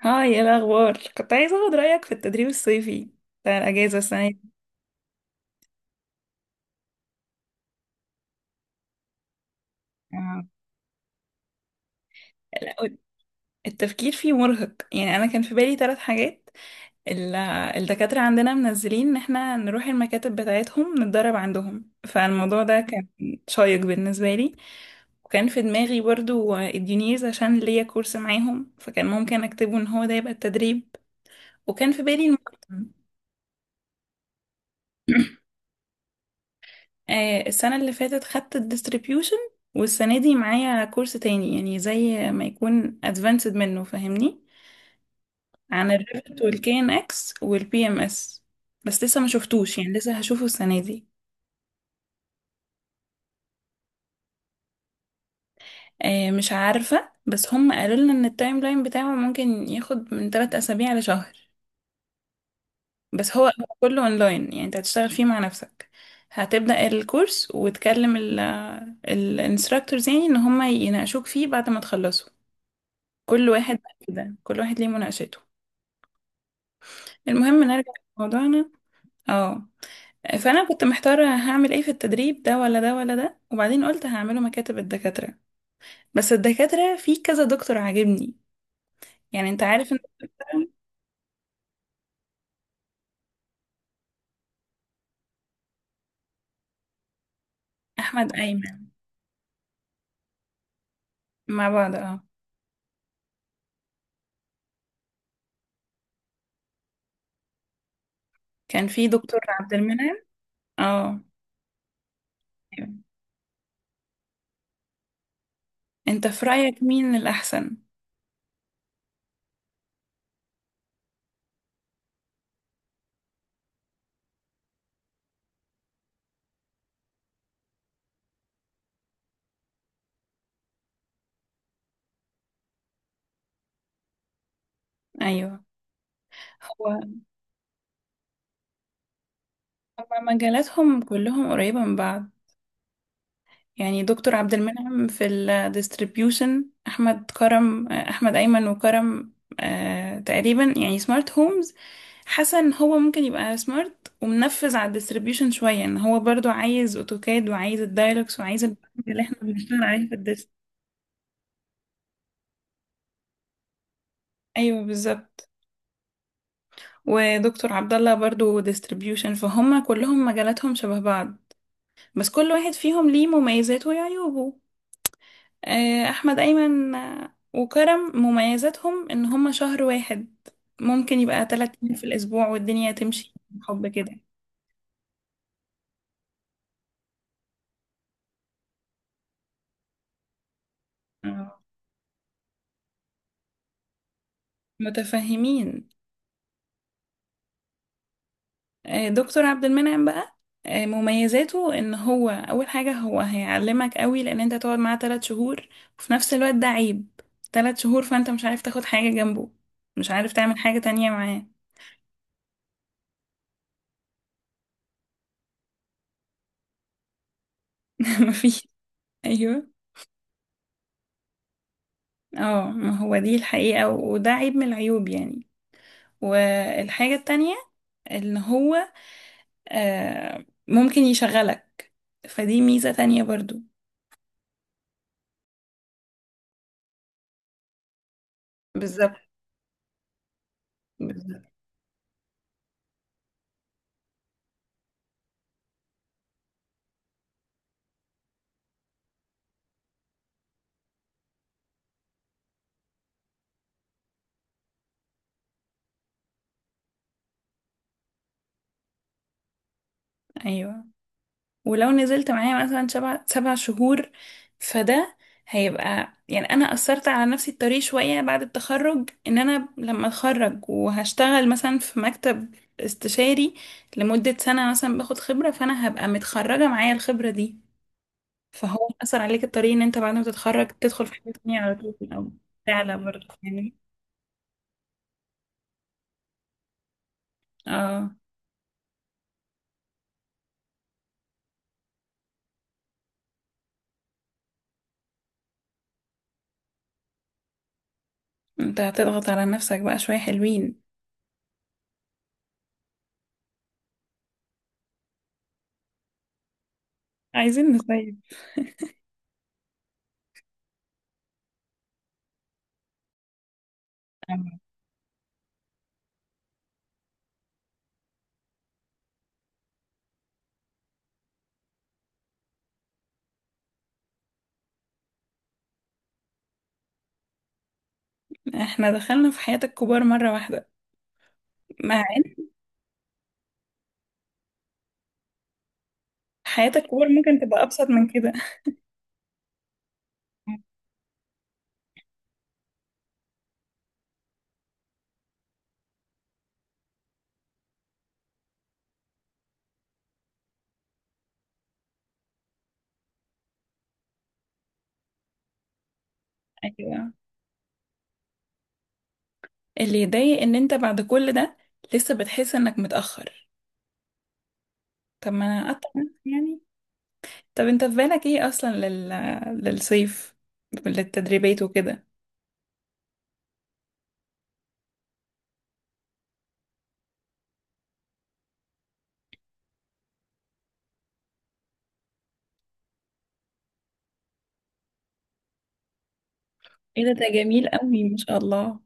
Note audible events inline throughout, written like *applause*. هاي، ايه الاخبار؟ كنت عايزه اخد رايك في التدريب الصيفي بتاع الاجازه السنه دي. آه. لا، التفكير فيه مرهق. يعني انا كان في بالي 3 حاجات. ال- الدكاتره عندنا منزلين ان احنا نروح المكاتب بتاعتهم نتدرب عندهم، فالموضوع ده كان شيق بالنسبه لي. وكان في دماغي برضو الديونيز، عشان ليا كورس معاهم، فكان ممكن اكتبه ان هو ده يبقى التدريب. وكان في بالي المقدم. السنة اللي فاتت خدت الديستريبيوشن، والسنة دي معايا كورس تاني، يعني زي ما يكون ادفانسد منه، فاهمني؟ عن الريفت والكي ان اكس والبي ام اس. بس لسه ما شفتوش، يعني لسه هشوفه السنة دي. مش عارفة، بس هم قالوا لنا ان التايم لاين بتاعه ممكن ياخد من 3 اسابيع لشهر. بس هو كله اونلاين، يعني انت هتشتغل فيه مع نفسك. هتبدأ الكورس وتكلم الانستراكتورز، يعني ان هم يناقشوك فيه بعد ما تخلصوا. كل واحد بقى كده، كل واحد ليه مناقشته. المهم نرجع لموضوعنا. اه. فانا كنت محتاره هعمل ايه في التدريب، ده ولا ده ولا ده، وبعدين قلت هعمله مكاتب الدكاتره. بس الدكاتره في كذا دكتور عاجبني. يعني انت عارف ان احمد ايمن مع بعض. اه. كان في دكتور عبد المنعم. اه. أيوة. انت في رايك مين الاحسن؟ ايوه. هو هما مجالاتهم كلهم قريبه من بعض. يعني دكتور عبد المنعم في الديستريبيوشن، احمد كرم، احمد ايمن، وكرم. تقريبا يعني سمارت هومز. حاسه ان هو ممكن يبقى سمارت ومنفذ على الديستريبيوشن شويه، ان هو برضو عايز اوتوكاد وعايز الدايلوكس وعايز البرامج اللي احنا بنشتغل عليها في الديست. ايوه، بالظبط. ودكتور عبد الله برضو ديستريبيوشن، فهم كلهم مجالاتهم شبه بعض. بس كل واحد فيهم ليه مميزاته وعيوبه. احمد ايمن وكرم مميزاتهم ان هم شهر واحد ممكن يبقى 3 ايام في الاسبوع والدنيا تمشي. حب كده. آه، متفهمين. دكتور عبد المنعم بقى، مميزاته ان هو اول حاجة، هو هيعلمك قوي لان انت تقعد معاه 3 شهور. وفي نفس الوقت ده عيب، 3 شهور، فانت مش عارف تاخد حاجة جنبه، مش عارف تعمل حاجة تانية معاه. *laughs* مفيش. ايوه. اه، ما هو دي الحقيقة، وده عيب من العيوب يعني. والحاجة التانية ان هو ممكن يشغلك، فدي ميزة تانية برضو. بالظبط. بالظبط. ايوه، ولو نزلت معايا مثلا سبع شهور، فده هيبقى، يعني انا اثرت على نفسي الطريق شويه بعد التخرج. ان انا لما اتخرج وهشتغل مثلا في مكتب استشاري لمده سنه مثلا باخد خبره، فانا هبقى متخرجه معايا الخبره دي. فهو اثر عليك الطريق، ان انت بعد ما تتخرج تدخل في حاجه تانية على طول او تعلى برضه يعني. اه. انت هتضغط على نفسك بقى شوية حلوين. عايزين نصيف. احنا دخلنا في حياة الكبار مرة واحدة، مع إن حياة الكبار ممكن تبقى أبسط من كده. ايوه، اللي يضايق ان انت بعد كل ده لسه بتحس انك متأخر. طب ما انا اقطع نفسي يعني. طب انت في بالك ايه اصلا للصيف، للتدريبات وكده؟ ايه ده جميل قوي، ما شاء الله.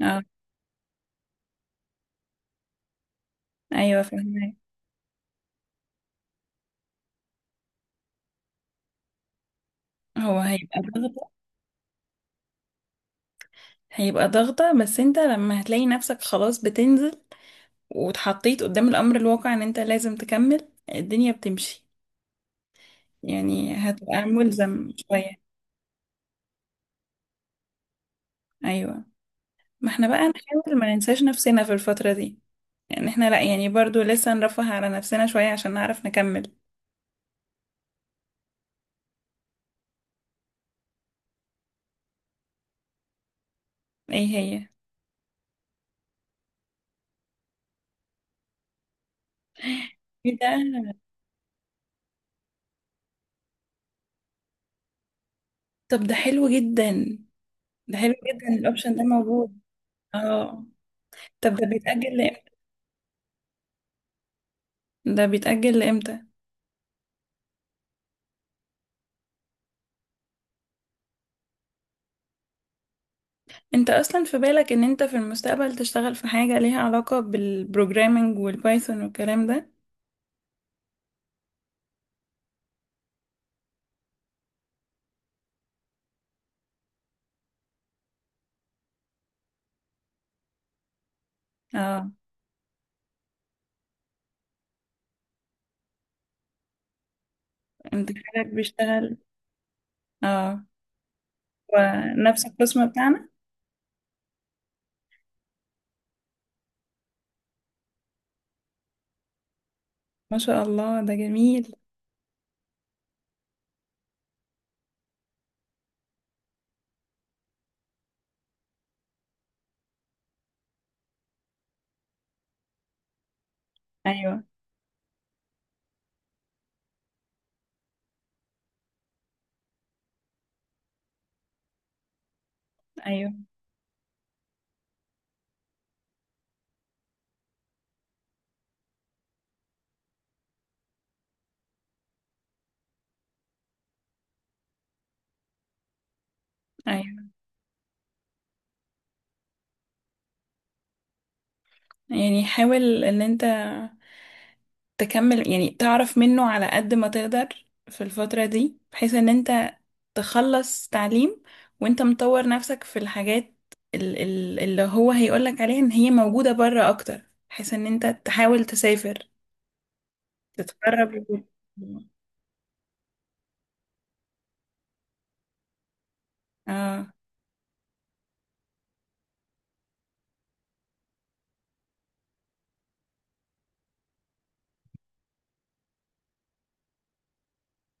اه. ايوه، فهمك. هو هيبقى ضغطة. هيبقى ضغطة، بس انت لما هتلاقي نفسك خلاص بتنزل، واتحطيت قدام الأمر الواقع إن أنت لازم تكمل، الدنيا بتمشي، يعني هتبقى ملزم شوية. أيوة. ما احنا بقى نحاول ما ننساش نفسنا في الفترة دي. يعني احنا لأ، يعني برضو لسه نرفه على نفسنا شوية عشان نعرف نكمل. ايه هي؟ ايه ده؟ طب ده حلو جدا. ده حلو جدا، الأوبشن ده موجود. اه. طب ده بيتأجل لإمتى؟ انت اصلا في بالك ان انت في المستقبل تشتغل في حاجة ليها علاقة بالبروجرامينج والبايثون والكلام ده؟ اه. انت خالك بيشتغل؟ اه. ونفس القسم بتاعنا؟ ما شاء الله ده جميل. ايوه، ايوه، ايوه. يعني حاول ان انت تكمل، يعني تعرف منه على قد ما تقدر في الفترة دي، بحيث ان انت تخلص تعليم وانت مطور نفسك في الحاجات، اللي هو هيقولك عليها، ان هي موجودة بره اكتر، بحيث ان انت تحاول تسافر، تتقرب. اه.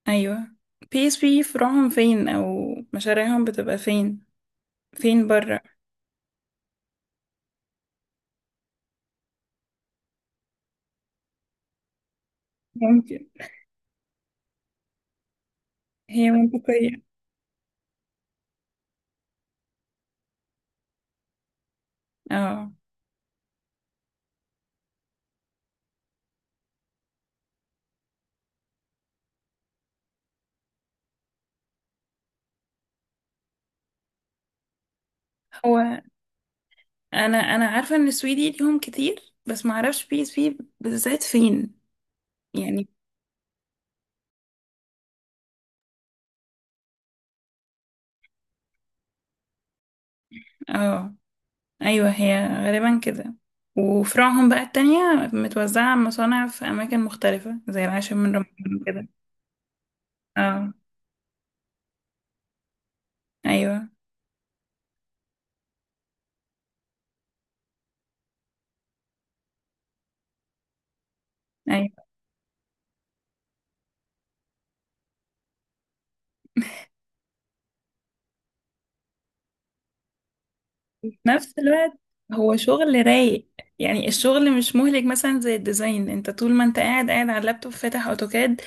ايوه. بي اس بي فروعهم فين؟ او مشاريعهم بتبقى فين؟ فين بره؟ ممكن. هي منطقية. اه. هو انا عارفة ان السويدي ليهم كتير، بس ما اعرفش بي اس بي بالذات فين، يعني. اه، ايوه. هي غالبا كده. وفروعهم بقى التانية متوزعة على مصانع في أماكن مختلفة زي العاشر من رمضان كده. اه. أيوة. ايوه. نفس الوقت، هو شغل رايق. يعني الشغل مش مهلك مثلا زي الديزاين. انت طول ما انت قاعد قاعد على اللابتوب فاتح اوتوكاد،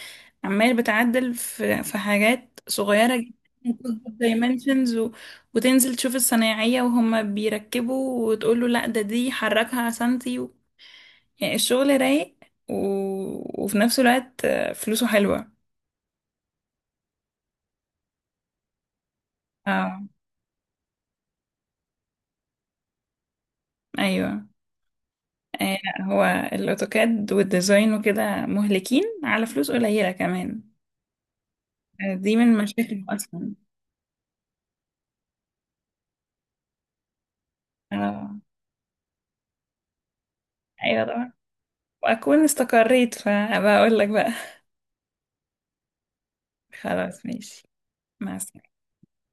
عمال بتعدل في حاجات صغيرة جدا، وتظبط دايمنشنز، و... وتنزل تشوف الصنايعية وهم بيركبوا وتقول له لا، ده دي حركها سنتي. و... يعني الشغل رايق، و... وفي نفس الوقت فلوسه حلوة. اه، ايوه. لا، هو الاوتوكاد والديزاين وكده مهلكين على فلوس قليلة كمان. دي من مشاكل اصلا. اه، ايوه، طبعا. واكون استقريت فبقول لك بقى. خلاص، ماشي. مع السلامه.